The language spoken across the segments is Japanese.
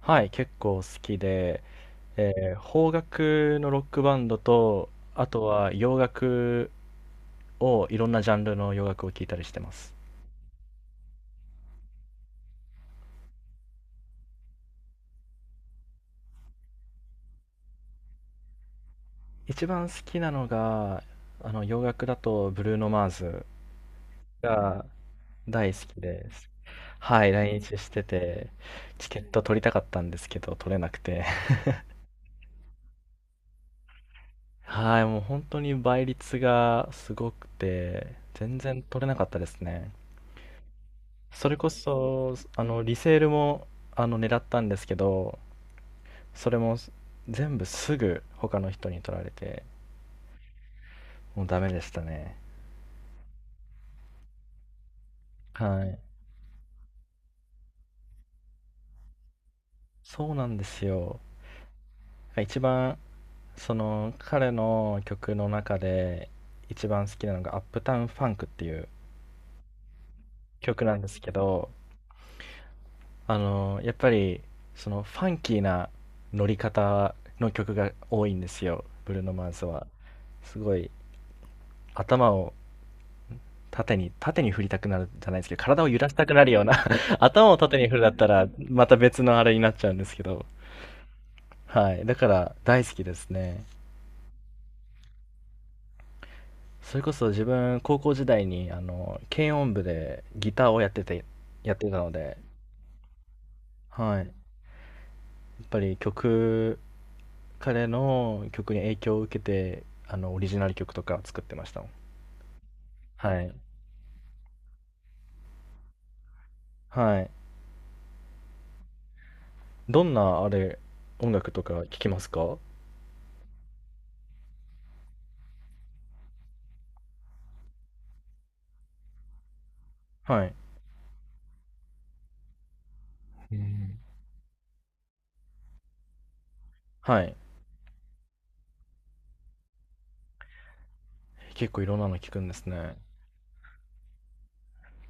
はい、結構好きで、邦楽のロックバンドと、あとは洋楽を、いろんなジャンルの洋楽を聴いたりしてます。一番好きなのが、あの洋楽だとブルーノ・マーズが大好きです。はい、来日してて、チケット取りたかったんですけど、取れなくて。はい、もう本当に倍率がすごくて、全然取れなかったですね。それこそ、リセールも、狙ったんですけど、それも全部すぐ他の人に取られて、もうダメでしたね。はい、そうなんですよ。一番その彼の曲の中で一番好きなのが「アップタウン・ファンク」っていう曲なんですけど、やっぱりそのファンキーな乗り方の曲が多いんですよ、ブルーノ・マーズは。すごい頭を縦に、縦に振りたくなるじゃないですけど、体を揺らしたくなるような。 頭を縦に振るだったら、また別のあれになっちゃうんですけど、はい。だから、大好きですね。それこそ自分、高校時代に、軽音部でギターをやってたので、はい。やっぱり彼の曲に影響を受けて、オリジナル曲とか作ってましたもん。はい。はい。どんな、音楽とか聴きますか？はい。うん。はい。結構いろんなの聞くんですね。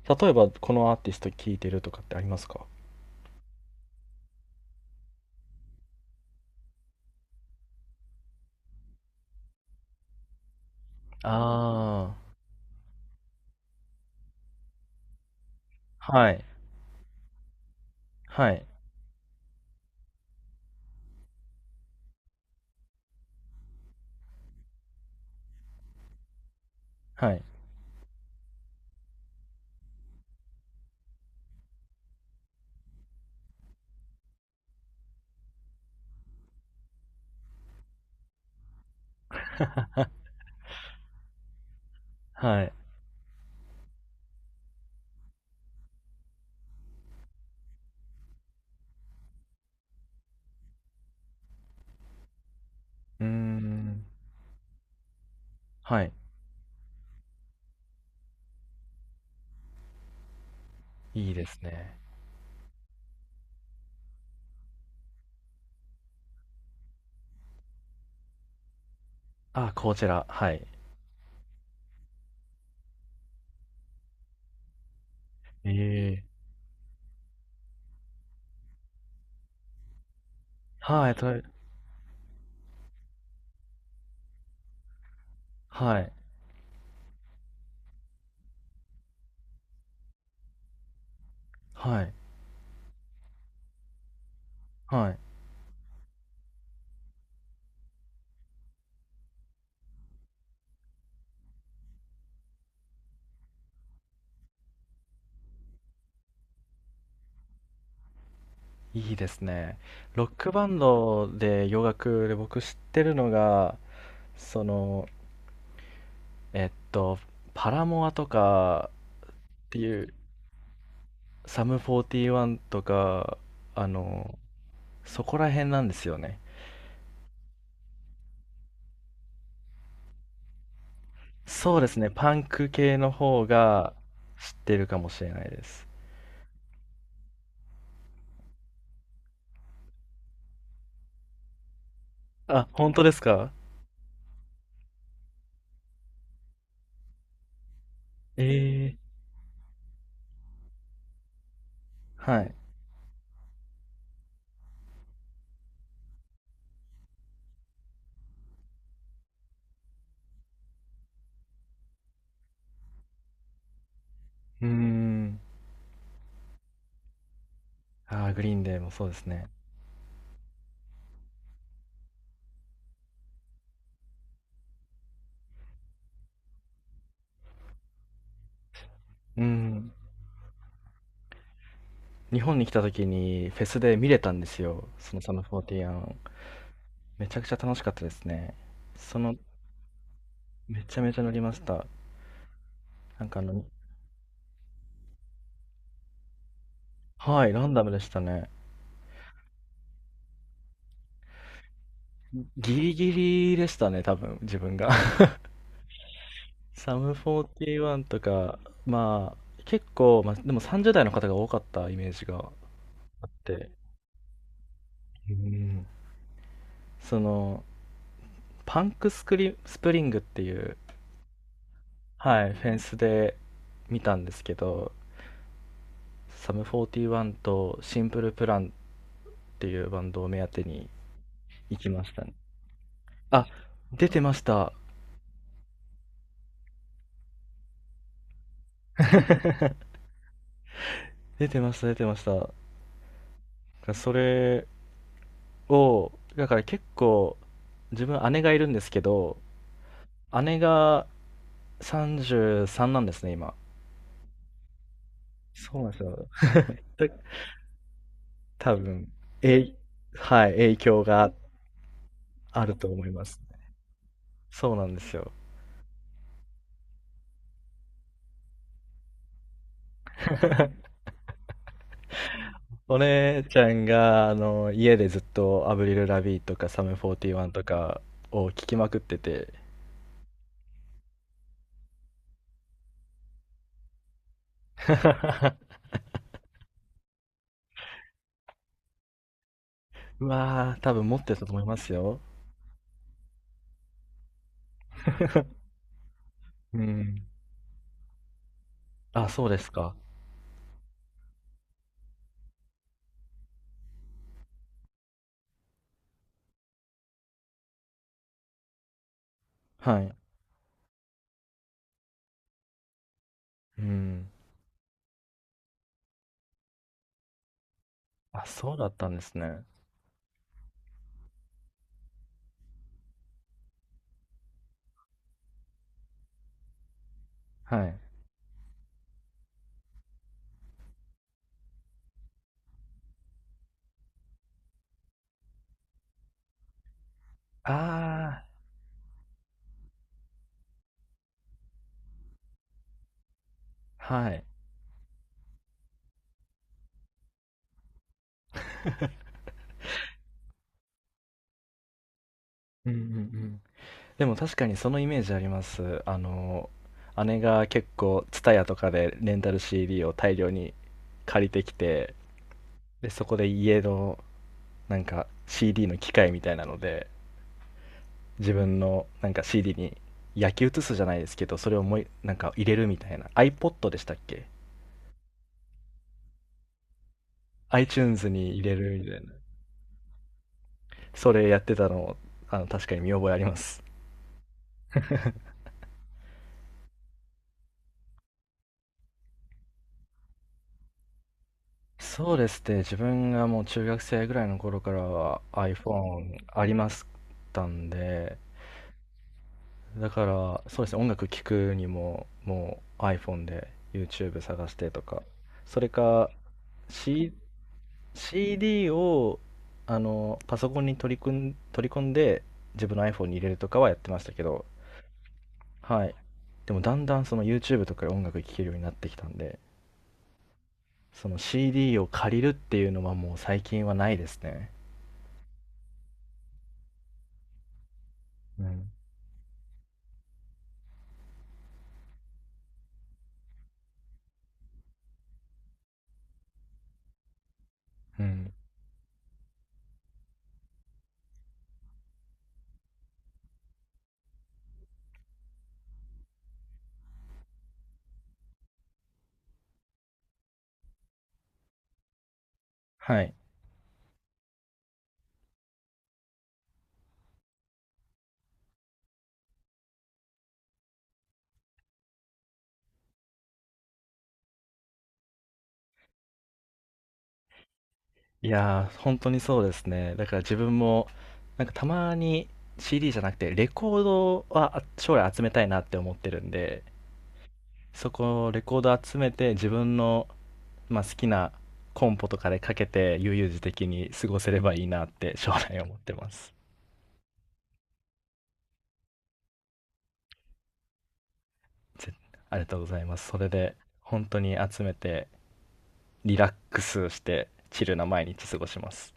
例えば、このアーティスト聴いてるとかってありますか？ああ、はい、はい、はい、はい。うーん、はい、いいですね。あ、こちら、はい。ええ。はい、とはい、はい、はい、いいですね。ロックバンドで洋楽で僕知ってるのが、その、えっと、パラモアとかっていう、サム41とか、あの、そこら辺なんですよね。そうですね、パンク系の方が知ってるかもしれないです。あ、本当ですか？ええ、はい。うーん。ああ、グリーンデーもそうですね。うん。日本に来た時にフェスで見れたんですよ、そのサムフォーティアン。めちゃくちゃ楽しかったですね。その、めちゃめちゃ乗りました。なんかはい、ランダムでしたね。ギリギリでしたね、多分、自分が。サム41とか、まあ、結構、まあ、でも30代の方が多かったイメージがあって、うん。その、パンクスクリ、スプリングっていう、はい、フェンスで見たんですけど、サム41とシンプルプランっていうバンドを目当てに行きましたね。あ、出てました。出てました、出てました。それを、だから結構、自分姉がいるんですけど、姉が33なんですね、今。そうなんですよ。で、多分、え、はい、影響があると思います。そうなんですよ。お姉ちゃんが、家でずっとアブリル・ラビーとかサム41とかを聞きまくってて、うわー、多分持ってたと思いますよ。うん。あ、そうですか。はい。うん。あ、そうだったんですね。はい。あー、はい。うんうんうん。でも確かにそのイメージあります。姉が結構、TSUTAYA とかでレンタル CD を大量に借りてきて、で、そこで家の、なんか、CD の機械みたいなので、自分の、なんか CD に焼き写すじゃないですけど、それをもうなんか入れるみたいな。iPod でしたっけ？ iTunes に入れるみたいな。それやってたの、確かに見覚えあります。そうですね。自分がもう中学生ぐらいの頃からは iPhone ありましたんで、だからそうですね、音楽聴くにももう iPhone で YouTube 探してとか、それか C、CD をあのパソコンに取り込んで自分の iPhone に入れるとかはやってましたけど、はい。でもだんだんその YouTube とかで音楽聴けるようになってきたんで、その CD を借りるっていうのはもう最近はないですね。うんうん。はい。いやー、本当にそうですね。だから自分も、なんかたまに CD じゃなくて、レコードは、将来集めたいなって思ってるんで、そこ、レコード集めて、自分の、まあ、好きなコンポとかでかけて、悠々自適に過ごせればいいなって将来思ってます。ぜありがとうございます。それで、本当に集めて、リラックスして、チルな毎日過ごします。